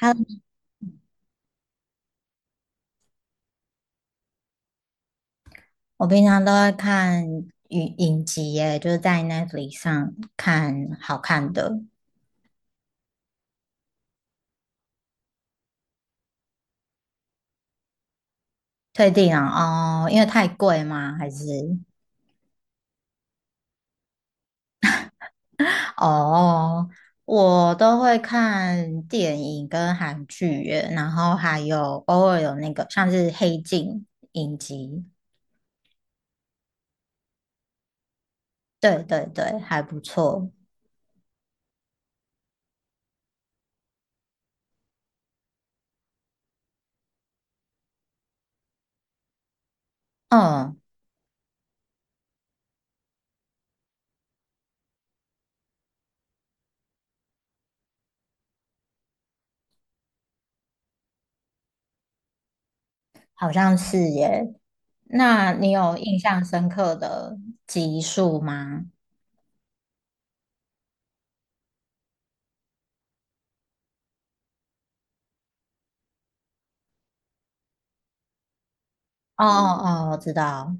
h 我平常都会看影集耶，就是在 Netflix 上看好看的。退订啊，哦，因为太贵吗？还是哦，我都会看电影跟韩剧耶，然后还有偶尔有那个像是《黑镜》影集，对对对，还不错。嗯，好像是耶。那你有印象深刻的集数吗？哦哦哦，我知道。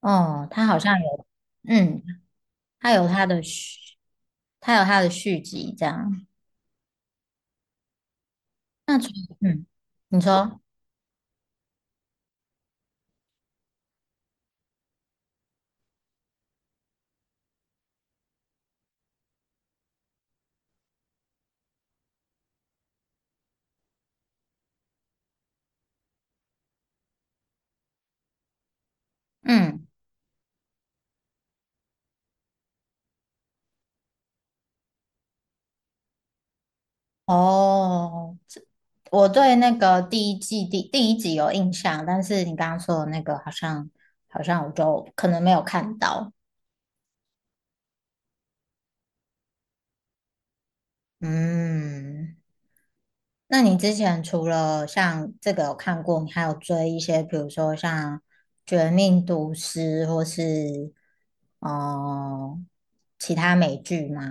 哦，他好像有，嗯，他有他的续，他有他的续集这样。那除，嗯，你说，嗯，哦，这我对那个第一季第一集有印象，但是你刚刚说的那个好像我就可能没有看到，嗯。那你之前除了像这个有看过，你还有追一些，比如说像《绝命毒师》或是哦、其他美剧吗？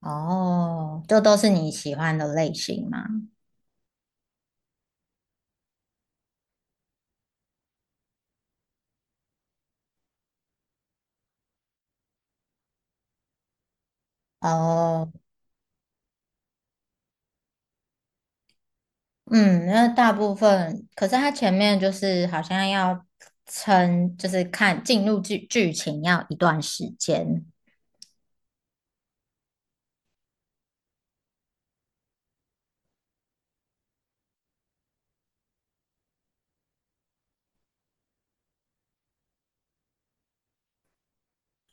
哦，就都是你喜欢的类型吗？哦，嗯，那大部分，可是它前面就是好像要撑，就是看进入剧情要一段时间。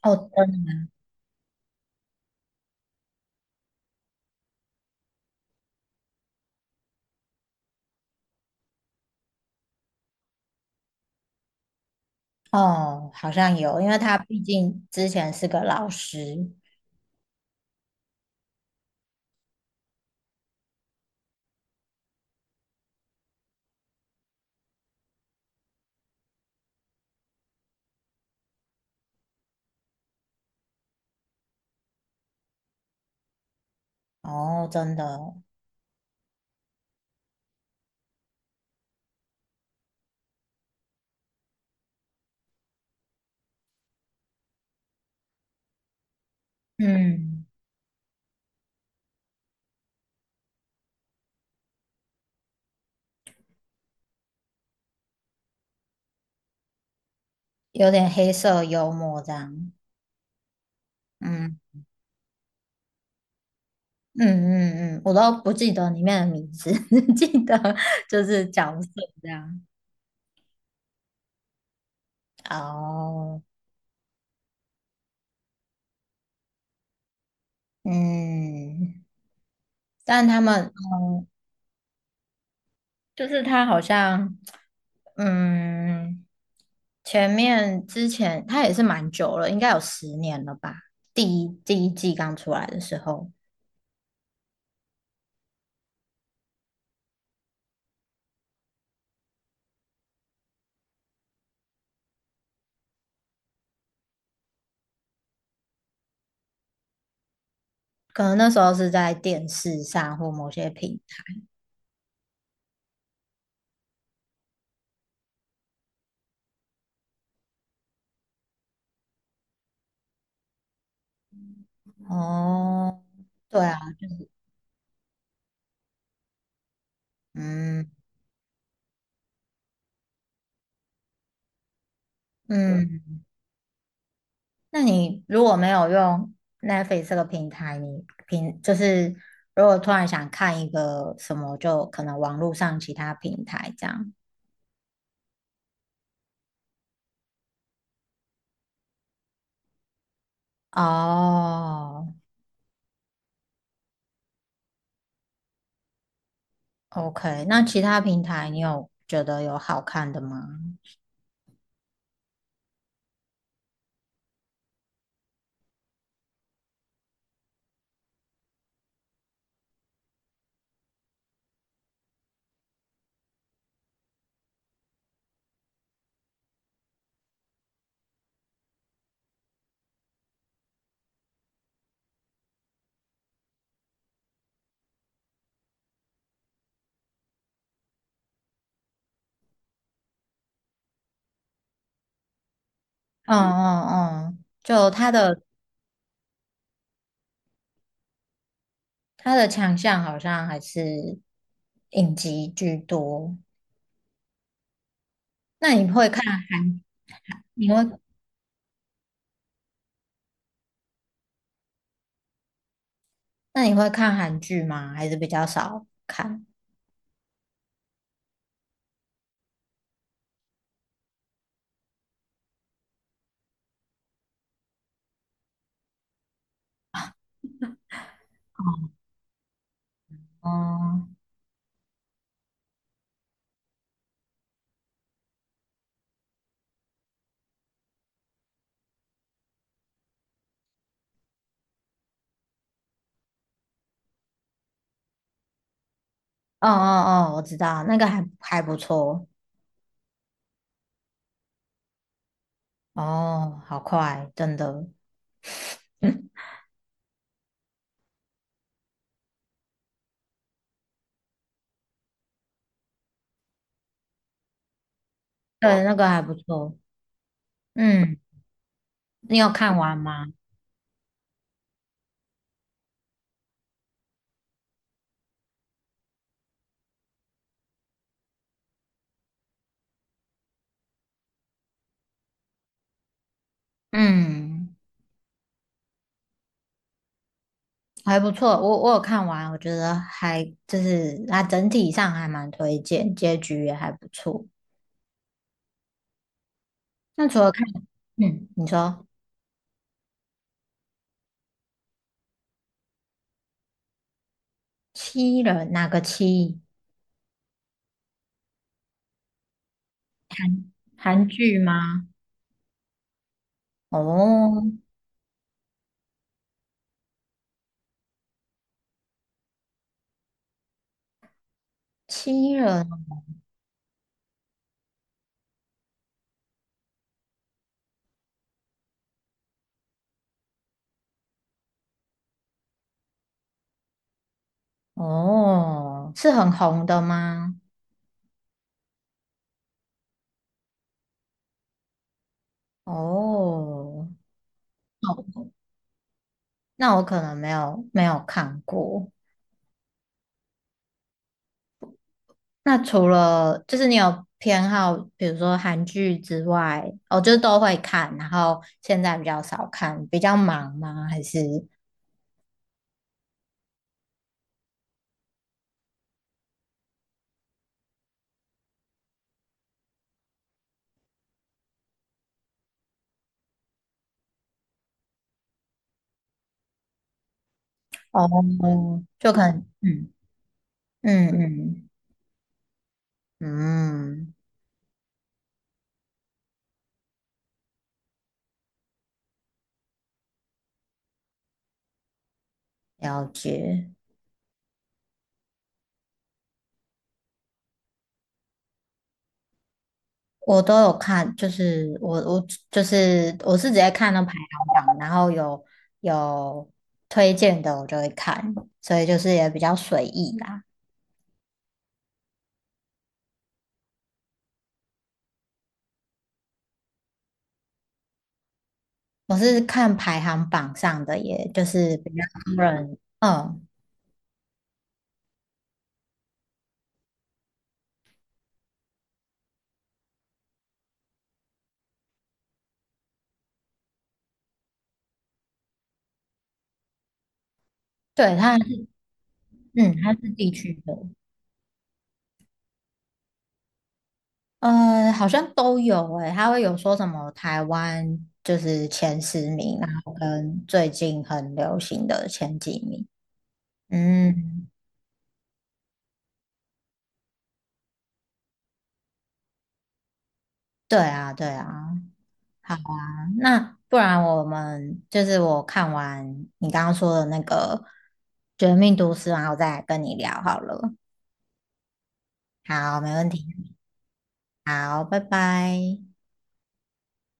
哦，真的哦，好像有，因为他毕竟之前是个老师。哦，真的哦，嗯，有点黑色幽默这样。嗯嗯嗯嗯，我都不记得里面的名字，只记得就是角色这样。哦，嗯，但他们，嗯，就是他好像，嗯，前面之前他也是蛮久了，应该有十年了吧？第一季刚出来的时候，可能那时候是在电视上或某些平哦，对啊，嗯嗯，那你如果没有用 Netflix 这个平台，你平就是如果突然想看一个什么，就可能网络上其他平台这样。哦，OK，那其他平台你有觉得有好看的吗？嗯嗯嗯，就它的它的强项好像还是影集居多。那你会看，你会那你会看韩剧吗？还是比较少看？哦，哦哦哦，我知道，那个还不错。哦，好快，真的。嗯对，那个还不错。嗯，你有看完吗？嗯，还不错。我有看完，我觉得还就是它整体上还蛮推荐，结局也还不错。那除了看，嗯，你说七人哪个七？韩剧吗？哦，七人哦，是很红的吗？哦，哦那我可能没有看过。那除了就是你有偏好，比如说韩剧之外，哦，就是都会看，然后现在比较少看，比较忙吗？还是哦，就可能嗯嗯嗯嗯，了解。我都有看，就是我就是我是直接看那排行榜，然后有推荐的我就会看，所以就是也比较随意啦。我是看排行榜上的，也就是比较多人，嗯，对，它是地区的，呃，好像都有诶、它会有说什么台湾就是前十名，然后跟最近很流行的前几名，嗯，对啊，对啊。好啊，那不然我们就是我看完你刚刚说的那个《绝命毒师》，然后再来跟你聊好了。好，没问题。好，拜拜。